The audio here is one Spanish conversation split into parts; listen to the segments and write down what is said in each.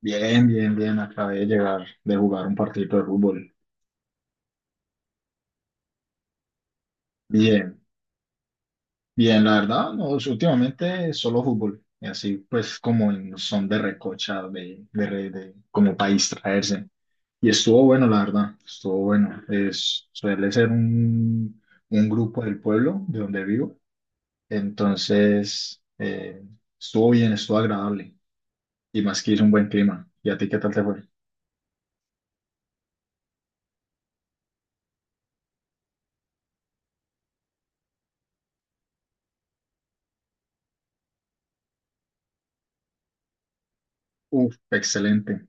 Bien. Acabé de llegar de jugar un partido de fútbol. Bien, bien, la verdad, no, últimamente solo fútbol. Y así pues como en son de recocha, como para distraerse. Y estuvo bueno, la verdad, estuvo bueno. Suele ser un grupo del pueblo de donde vivo. Entonces, estuvo bien, estuvo agradable. Y más que hizo un buen clima. ¿Y a ti qué tal te fue? Uf, excelente.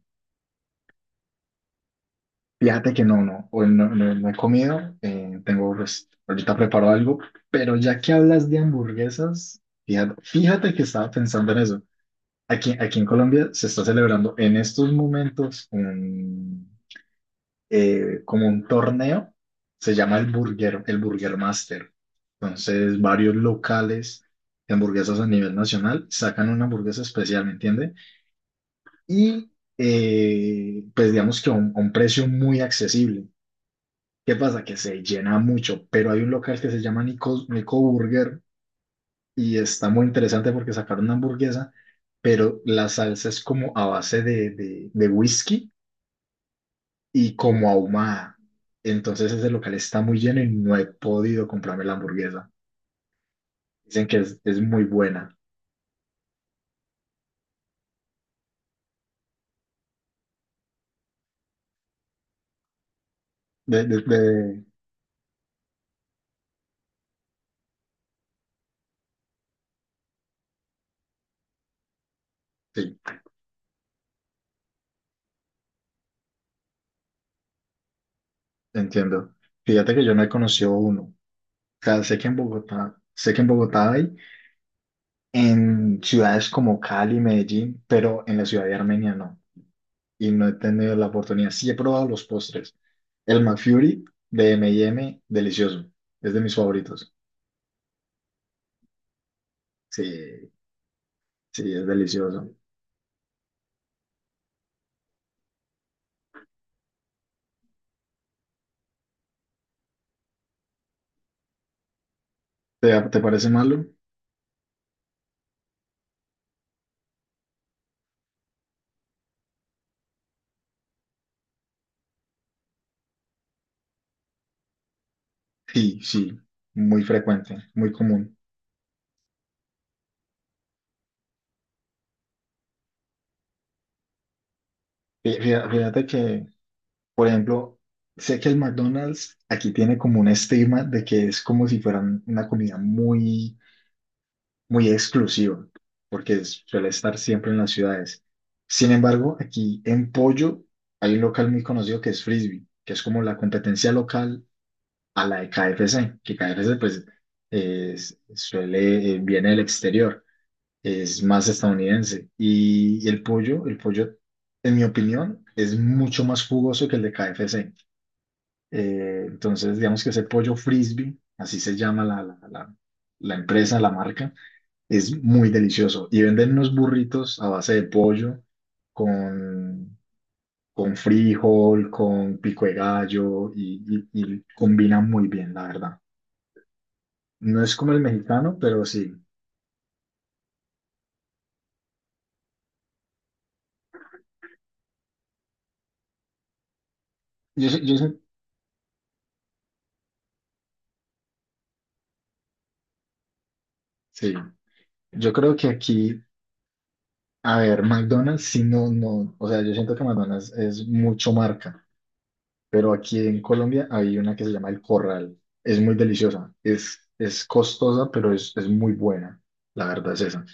Fíjate que no, no, hoy no, no he comido, tengo, pues, ahorita preparo algo, pero ya que hablas de hamburguesas, fíjate que estaba pensando en eso. Aquí en Colombia se está celebrando en estos momentos como un torneo, se llama el Burger Master. Entonces, varios locales de hamburguesas a nivel nacional sacan una hamburguesa especial, ¿me entiendes? Y, pues, digamos que a un precio muy accesible. ¿Qué pasa? Que se llena mucho, pero hay un local que se llama Nico, Nico Burger y está muy interesante porque sacaron una hamburguesa, pero la salsa es como a base de whisky y como ahumada. Entonces ese local está muy lleno y no he podido comprarme la hamburguesa. Dicen que es muy buena. De, de- de- sí, entiendo. Fíjate que yo no he conocido uno. O sea, sé que en Bogotá, en ciudades como Cali, Medellín, pero en la ciudad de Armenia no. Y no he tenido la oportunidad. Sí he probado los postres. El McFlurry de M&M, delicioso. Es de mis favoritos. Sí, sí, es delicioso. ¿Te, te parece malo? Sí, sí, muy frecuente, muy común. Fíjate que, por ejemplo, sé que el McDonald's aquí tiene como un estigma de que es como si fueran una comida muy exclusiva, porque suele estar siempre en las ciudades. Sin embargo, aquí en Pollo hay un local muy conocido que es Frisbee, que es como la competencia local a la de KFC, que KFC pues suele, viene del exterior, es más estadounidense. Y, el pollo, en mi opinión, es mucho más jugoso que el de KFC. Entonces, digamos que ese pollo Frisbee, así se llama la empresa, la marca es muy delicioso. Y venden unos burritos a base de pollo con, con frijol, con pico de gallo y combina muy bien, la verdad. No es como el mexicano, pero sí. Yo, sé- yo, sé- sí. Yo creo que aquí, a ver, McDonald's, sí, no, no. O sea, yo siento que McDonald's es mucho marca, pero aquí en Colombia hay una que se llama El Corral. Es muy deliciosa. Es costosa, pero es muy buena. La verdad es esa.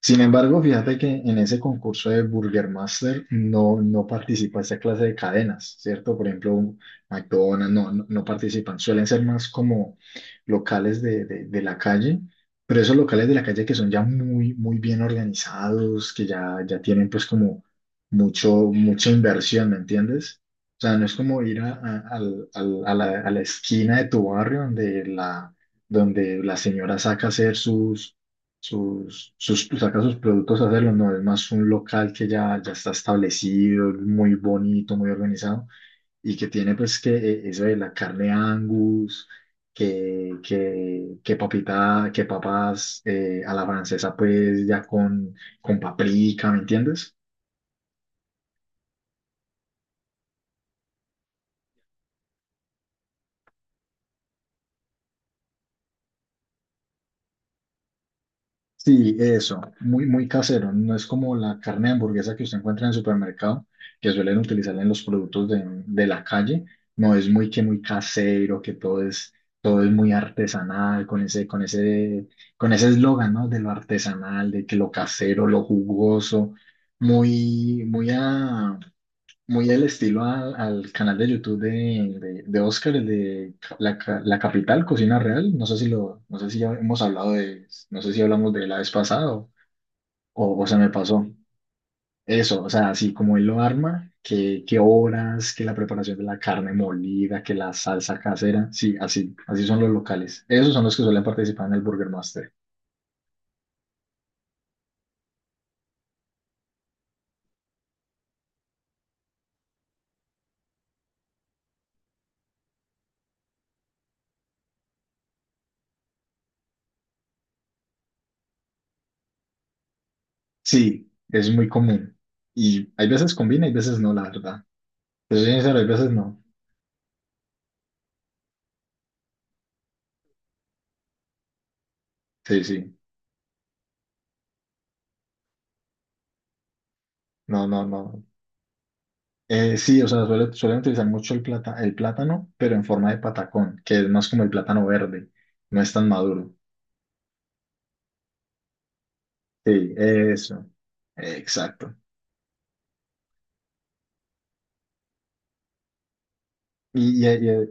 Sin embargo, fíjate que en ese concurso de Burger Master no, no participa esa clase de cadenas, ¿cierto? Por ejemplo, McDonald's no, no, no participan, suelen ser más como locales de la calle, pero esos locales de la calle que son ya muy, muy bien organizados, ya tienen pues como mucha inversión, ¿me entiendes? O sea, no es como ir a, al- al- a la esquina de tu barrio donde la señora saca a hacer sus saca sus productos a hacerlo, no, es más un local que ya está establecido, muy bonito, muy organizado, y que tiene pues que eso de la carne Angus, que papita, que papas a la francesa pues ya con paprika, ¿me entiendes? Sí, eso, muy, muy casero. No es como la carne de hamburguesa que usted encuentra en el supermercado, que suelen utilizar en los productos de la calle. No es muy que muy casero, que todo es muy artesanal, con ese eslogan, ¿no? De lo artesanal, de que lo casero, lo jugoso, muy, muy a, muy el estilo al canal de YouTube de Oscar, el de La Capital Cocina Real. No sé si lo, no sé si ya hemos hablado de, no sé si hablamos de la vez pasada o se me pasó. Eso, o sea, así como él lo arma, que horas, que la preparación de la carne molida, que la salsa casera. Sí, así, así son los locales. Esos son los que suelen participar en el Burger Master. Sí, es muy común. Y hay veces combina, hay veces no, la verdad. Pero sincero, hay veces no. Sí, sí. No, no, no. Sí, o sea, suelen utilizar mucho el plata, el plátano, pero en forma de patacón, que es más como el plátano verde, no es tan maduro. Sí, eso, exacto. Y, y- y- eh,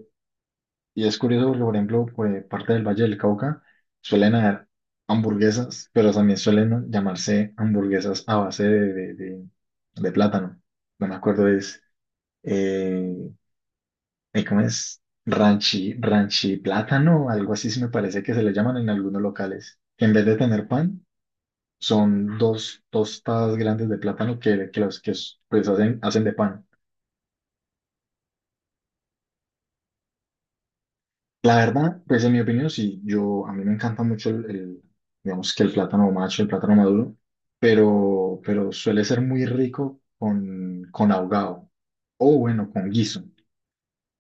y es curioso porque, por ejemplo, pues, parte del Valle del Cauca suelen haber hamburguesas, pero también suelen llamarse hamburguesas a base de plátano. No me acuerdo, eh, ¿cómo es? Ranchi, ranchi plátano, algo así se me parece que se le llaman en algunos locales. Que en vez de tener pan, son dos tostadas grandes de plátano que las que pues hacen, hacen de pan. La verdad, pues en mi opinión, sí, a mí me encanta mucho digamos que el plátano macho, el plátano maduro, pero suele ser muy rico con ahogado o bueno, con guiso.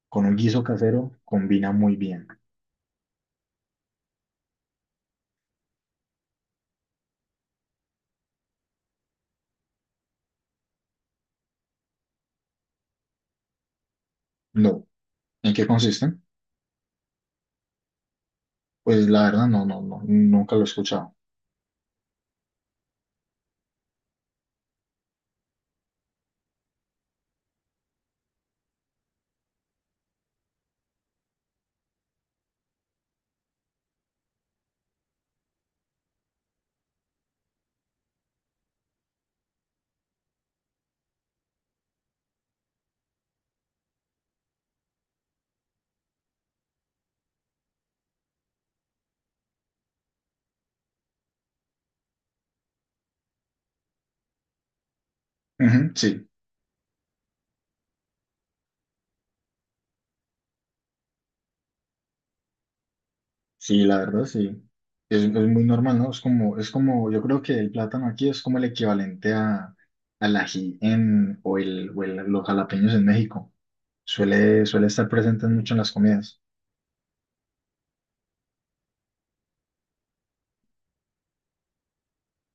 Con un guiso casero combina muy bien. No. ¿En qué consiste? Pues la verdad, no, no, no, nunca lo he escuchado. Ujú, sí. Sí, la verdad, sí. Es muy normal, ¿no? Es como, yo creo que el plátano aquí es como el equivalente al ají en, los jalapeños en México. Suele estar presente mucho en las comidas.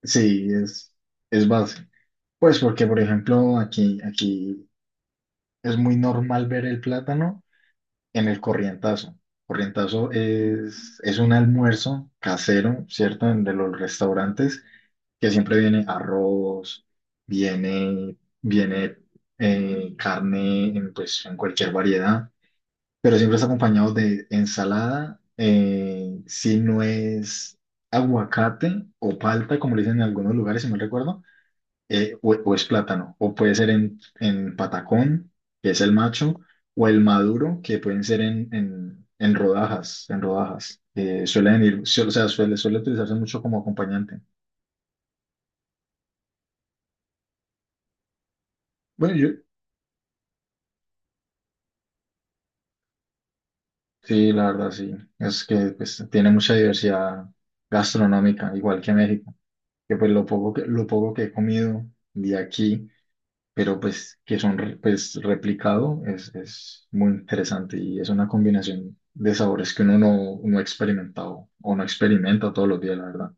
Sí, es base. Pues porque, por ejemplo, aquí es muy normal ver el plátano en el corrientazo. Corrientazo es un almuerzo casero, ¿cierto? En de los restaurantes que siempre viene arroz, viene, viene carne en, pues, en cualquier variedad, pero siempre está acompañado de ensalada, si no es aguacate o palta, como le dicen en algunos lugares, si mal recuerdo, o es plátano, o puede ser en patacón, que es el macho, o el maduro, que pueden ser en rodajas, en rodajas. Suelen ir, o sea, suele utilizarse mucho como acompañante. Bueno, yo, sí, la verdad, sí. Es que pues, tiene mucha diversidad gastronómica, igual que México. Que pues lo poco que he comido de aquí, pero pues que son pues, replicado, es muy interesante y es una combinación de sabores que uno no, no ha experimentado o no experimenta todos los días, la verdad.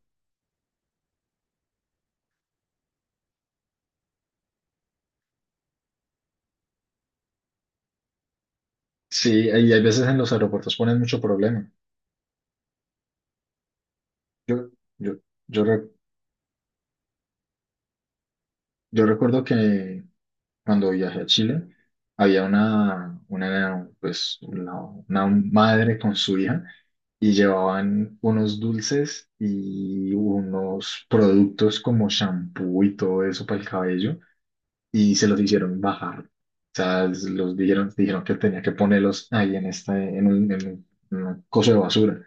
Sí, y hay veces en los aeropuertos ponen mucho problema. Yo, yo, yo, re- yo recuerdo que cuando viajé a Chile, había una madre con su hija y llevaban unos dulces y unos productos como shampoo y todo eso para el cabello y se los hicieron bajar. O sea, los dijeron, dijeron que tenía que ponerlos ahí en, esta, en un, en un- en un coso de basura.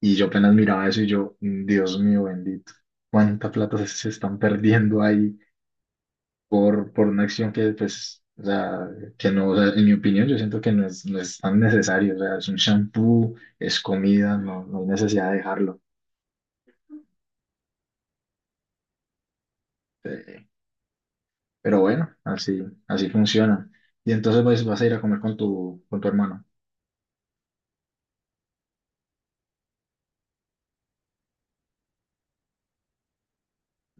Y yo apenas miraba eso y yo, "Mm, Dios mío bendito, cuánta plata se se están perdiendo ahí por una acción que, pues, o sea, que no, o sea, en mi opinión, yo siento que no no es tan necesario, o sea, es un shampoo, es comida, no, no hay necesidad de dejarlo. Eh, pero bueno, así, así funciona. Y entonces pues, vas a ir a comer con tu hermano.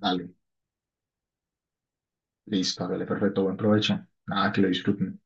Dale, listo, hágale, perfecto, buen provecho. Nada, que lo disfruten.